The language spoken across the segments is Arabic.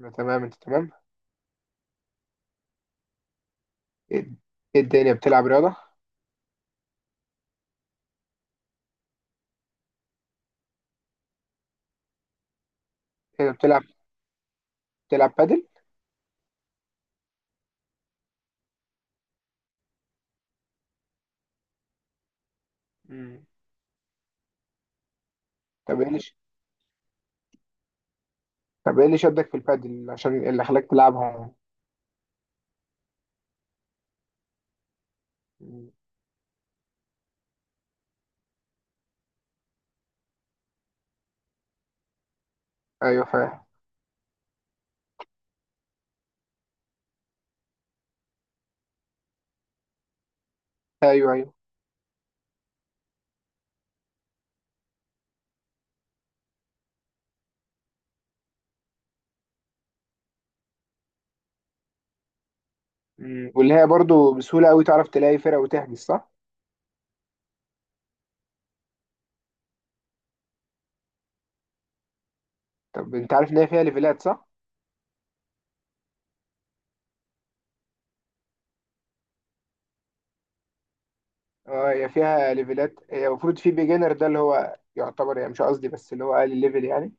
أنا تمام، انت تمام؟ ايه إيه الدنيا بتلعب رياضة؟ ايه ده، بتلعب بادل؟ مم. طب ايه اللي ش- طب ايه اللي شدك في البادل عشان اللي خلاك تلعبها؟ مم. ايوه فاهم. ايوه ايوه. مم. واللي هي برضو بسهولة قوي تعرف تلاقي فرقة وتحجز، صح؟ طب انت عارف ان هي فيها ليفلات، صح؟ اه، هي فيها ليفلات. هي المفروض في بيجنر، ده اللي هو يعتبر، يعني مش قصدي، بس اللي هو اقل ليفل يعني.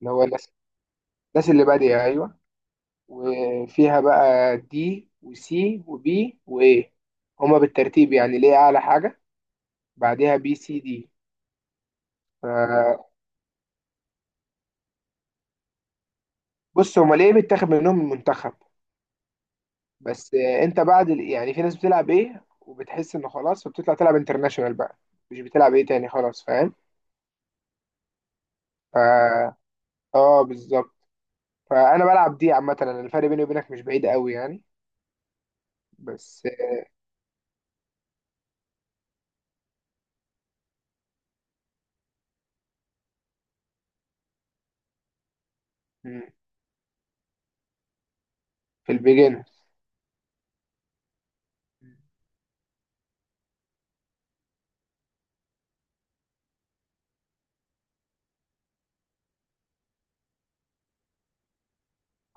اللي هو الناس اللي بادئة، ايوه. وفيها بقى دي وسي وبي وايه؟ هما بالترتيب يعني، ليه اعلى حاجه؟ بعدها بي سي دي. ف- بص، هما ليه بيتاخد منهم المنتخب. بس، انت بعد يعني في ناس بتلعب ايه وبتحس انه خلاص، فبتطلع تلعب انترناشونال بقى. مش بتلعب ايه تاني، خلاص. فاهم؟ ف اه، بالظبط. فانا بلعب دي عامه. انا الفرق بيني وبينك مش بعيد قوي يعني. بس، مم، في البيجنر.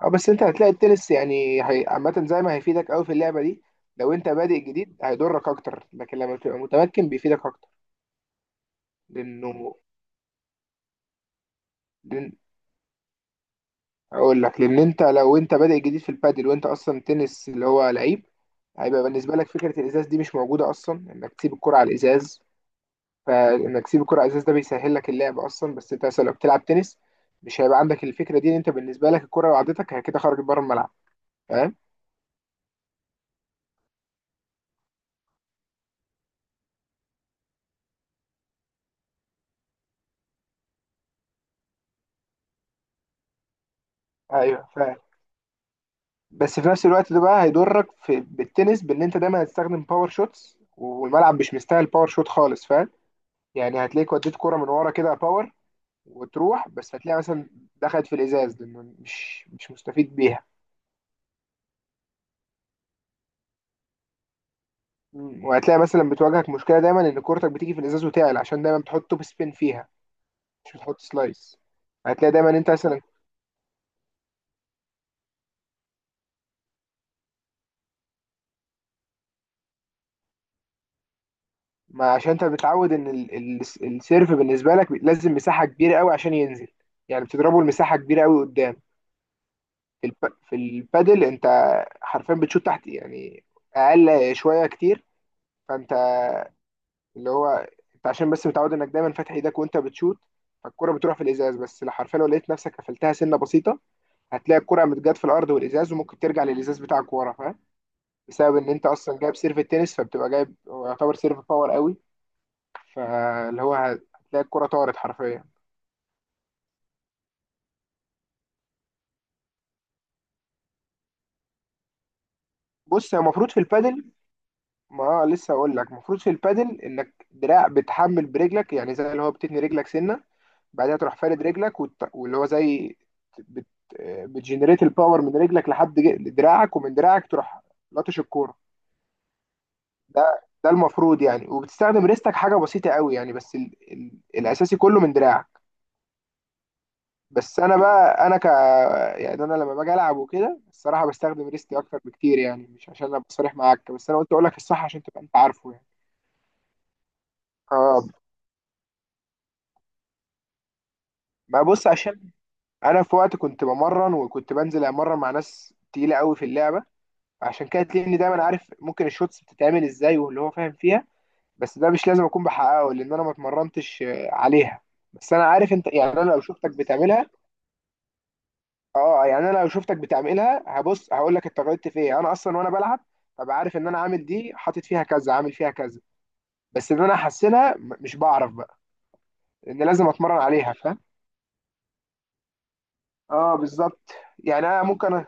اه، بس انت هتلاقي التنس يعني عامة، زي ما هيفيدك قوي في اللعبة دي. لو انت بادئ جديد هيضرك اكتر، لكن لما بتبقى متمكن بيفيدك اكتر. لانه لان اقول لك، لان لو انت بادئ جديد في البادل وانت اصلا تنس اللي هو لعيب، هيبقى بالنسبة لك فكرة الازاز دي مش موجودة اصلا، انك تسيب الكرة على الازاز. فانك تسيب الكرة على الازاز ده بيسهل لك اللعب اصلا. بس انت مثلا لو بتلعب تنس، مش هيبقى عندك الفكرة دي، ان انت بالنسبة لك الكرة لو عدتك هي كده خرجت بره الملعب. فاهم؟ ايوه، بس في نفس الوقت ده بقى هيضرك في بالتنس، بان انت دايما هتستخدم باور شوتس والملعب مش مستاهل باور شوت خالص. فاهم؟ يعني هتلاقيك وديت كرة من ورا كده باور، وتروح بس هتلاقي مثلا دخلت في الازاز، لانه مش مستفيد بيها. مم. وهتلاقي مثلا بتواجهك مشكله دايما، ان كورتك بتيجي في الازاز وتعلى، عشان دايما بتحط توب سبين فيها. مش بتحط سلايس. هتلاقي دايما انت مثلا. ما عشان انت متعود ان السيرف بالنسبه لك لازم مساحه كبيره قوي عشان ينزل. يعني بتضربه المساحه كبيره قوي قدام. في الب... في البادل انت حرفيا بتشوط تحت يعني، اقل شويه كتير. فانت اللي هو انت عشان بس متعود انك دايما فاتح ايدك وانت بتشوت، فالكرة بتروح في الازاز. بس لو حرفيا، لو لقيت نفسك قفلتها سنه بسيطه، هتلاقي الكرة متجات في الارض والازاز، وممكن ترجع للازاز بتاعك ورا. فاهم؟ بسبب ان انت اصلا جايب سيرف التنس، فبتبقى جايب هو يعتبر سيرف باور قوي. فاللي هو هتلاقي الكرة طارت حرفيا. بص، هي المفروض في البادل، ما لسه اقول لك المفروض في البادل، انك دراع بتحمل برجلك، يعني زي اللي هو بتتني رجلك سنه، بعدها تروح فارد رجلك واللي هو زي بت... بتجنريت الباور من رجلك لحد دراعك، ومن دراعك تروح لطش الكوره. ده المفروض يعني، وبتستخدم ريستك حاجه بسيطه قوي يعني، بس الاساسي كله من دراعك. بس انا بقى انا ك يعني انا لما باجي العب وكده الصراحه، بستخدم ريستي اكتر بكتير. يعني مش عشان ابقى صريح معاك، بس انا قلت اقول لك الصح عشان تبقى انت عارفه يعني. اه، ما بص، عشان انا في وقت كنت بمرن، وكنت بنزل امرن مع ناس تقيله قوي في اللعبه. عشان كده تلاقيني دايما عارف ممكن الشوتس بتتعمل ازاي واللي هو فاهم فيها. بس ده مش لازم اكون بحققه، لان انا ما اتمرنتش عليها. بس انا عارف انت، يعني انا لو شفتك بتعملها. اه، يعني انا لو شفتك بتعملها هبص هقول لك انت غلطت في ايه. انا اصلا وانا بلعب، ببقى عارف ان انا عامل دي، حاطط فيها كذا، عامل فيها كذا. بس ان انا احسنها، مش بعرف بقى. لان لازم اتمرن عليها. فاهم؟ اه، بالظبط. يعني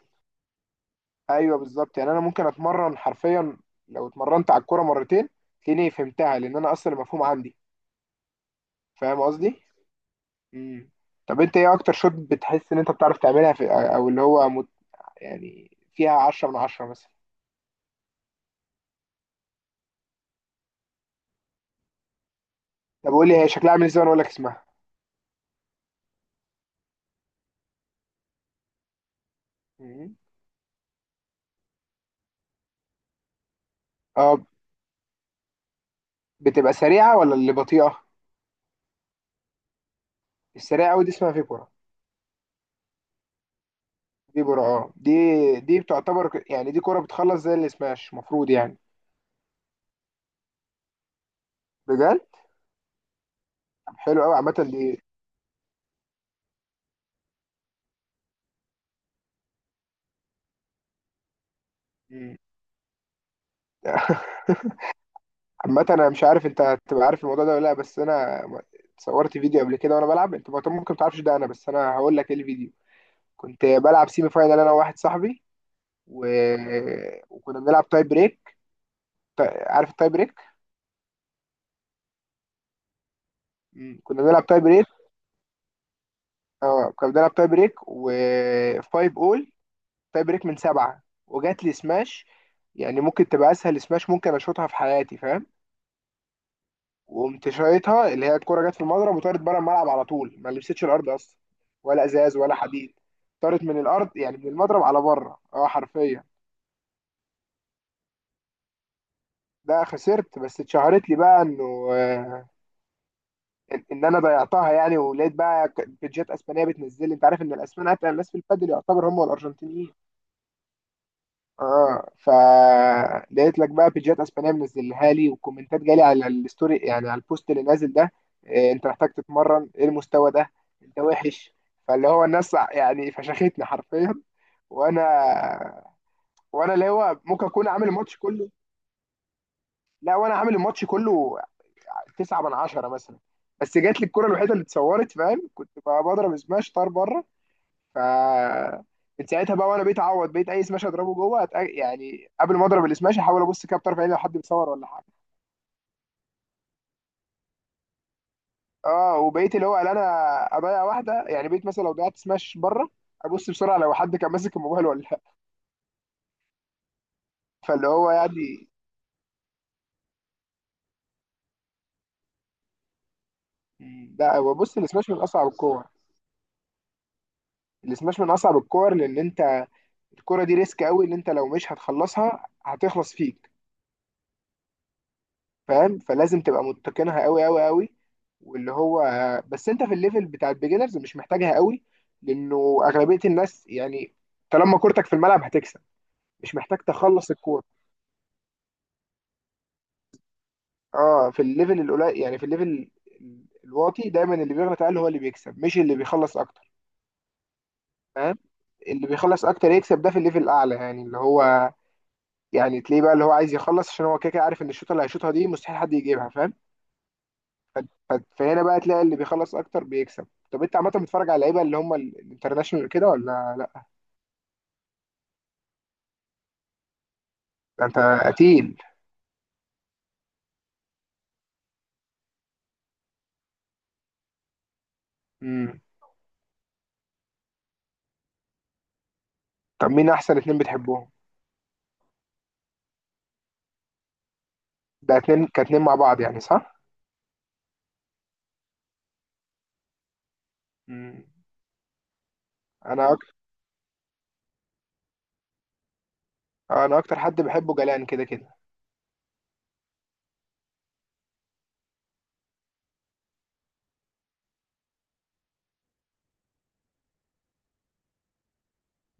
ايوه بالظبط، يعني انا ممكن اتمرن حرفيا، لو اتمرنت على الكوره مرتين تلاقيني فهمتها، لان انا اصلا المفهوم عندي. فاهم قصدي؟ امم. طب انت ايه اكتر شوت بتحس ان انت بتعرف تعملها في، او اللي هو يعني فيها 10/10 مثلا؟ طب قول لي هي شكلها عامل ازاي وانا اقول لك اسمها. امم. اه، بتبقى سريعة ولا اللي بطيئة؟ السريعة قوي دي اسمها فيبورا. فيبورا، اه. دي بتعتبر يعني دي كرة بتخلص زي السماش المفروض يعني. بجد؟ طب حلو قوي عامة دي. امم. عامة انا مش عارف انت هتبقى عارف الموضوع ده ولا لا، بس انا صورت فيديو قبل كده وانا بلعب. انت ممكن ما تعرفش ده. انا بس هقول لك ايه الفيديو. كنت بلعب سيمي فاينال انا وواحد صاحبي. و... وكنا بنلعب تاي بريك. عارف التاي بريك؟ مم. كنا بنلعب تاي بريك. اه، كنا بنلعب تاي بريك وفايف اول. تاي بريك من 7، وجات لي سماش. يعني ممكن تبقى اسهل سماش ممكن اشوطها في حياتي. فاهم؟ وقمت شايطها، اللي هي الكرة جت في المضرب وطارت بره الملعب على طول، ما لمستش الارض اصلا، ولا ازاز ولا حديد. طارت من الارض، يعني من المضرب على بره، اه حرفيا. ده خسرت، بس اتشهرت لي بقى انه آه، ان انا ضيعتها يعني، ولقيت بقى بيجات اسبانيه بتنزل لي. انت عارف ان الاسبان اتقل الناس في البادل، يعتبر هم والارجنتينيين. اه، فلقيت لك بقى بيجات اسبانيه منزلها لي، وكومنتات جالي على الستوري، يعني على البوست اللي نازل ده. إيه انت محتاج تتمرن، ايه المستوى ده؟ انت وحش. فاللي هو الناس يعني فشختني حرفيا. وانا وانا اللي هو ممكن اكون عامل الماتش كله. لا، وانا عامل الماتش كله، 9/10 مثلا. بس جات لي الكرة الوحيدة اللي اتصورت. فاهم؟ كنت بقى بضرب سماش طار بره. ف من ساعتها بقى، وانا بقيت اعوض، بقيت اي سماش اضربه جوه يعني قبل ما اضرب السماش احاول ابص كده بطرف عيني لو حد بيصور ولا حاجه. اه، وبقيت اللي هو، لا انا اضيع واحده. يعني بقيت مثلا لو ضيعت سماش بره، ابص بسرعه لو حد كان ماسك الموبايل ولا لا. فاللي هو يعني. لا، هو بص، السماش من اصعب الكور. السماش من اصعب الكور، لان انت الكوره دي ريسك قوي. ان انت لو مش هتخلصها هتخلص فيك. فاهم؟ فلازم تبقى متقنها قوي قوي قوي. واللي هو، بس انت في الليفل بتاع البيجنرز مش محتاجها قوي. لانه اغلبيه الناس يعني، طالما كورتك في الملعب هتكسب. مش محتاج تخلص الكوره. اه، في الليفل القليل، يعني في الليفل الواطي دايما، اللي بيغلط اقل هو اللي بيكسب، مش اللي بيخلص اكتر. فاهم؟ اللي بيخلص اكتر يكسب ده في الليفل الاعلى، يعني اللي هو، يعني تلاقيه بقى اللي هو عايز يخلص، عشان هو كده كده عارف ان الشوطه اللي هيشوطها دي مستحيل حد يجيبها. فاهم؟ ف- فهنا بقى تلاقي اللي بيخلص اكتر بيكسب. طب انت عامه بتتفرج على اللعيبه اللي هم الانترناشونال كده ولا لا؟ ده انت قتيل. امم. طب مين احسن اتنين بتحبهم؟ ده اتنين كاتنين مع بعض يعني، صح؟ امم. انا أك... انا اكتر حد بحبه جلان كده كده.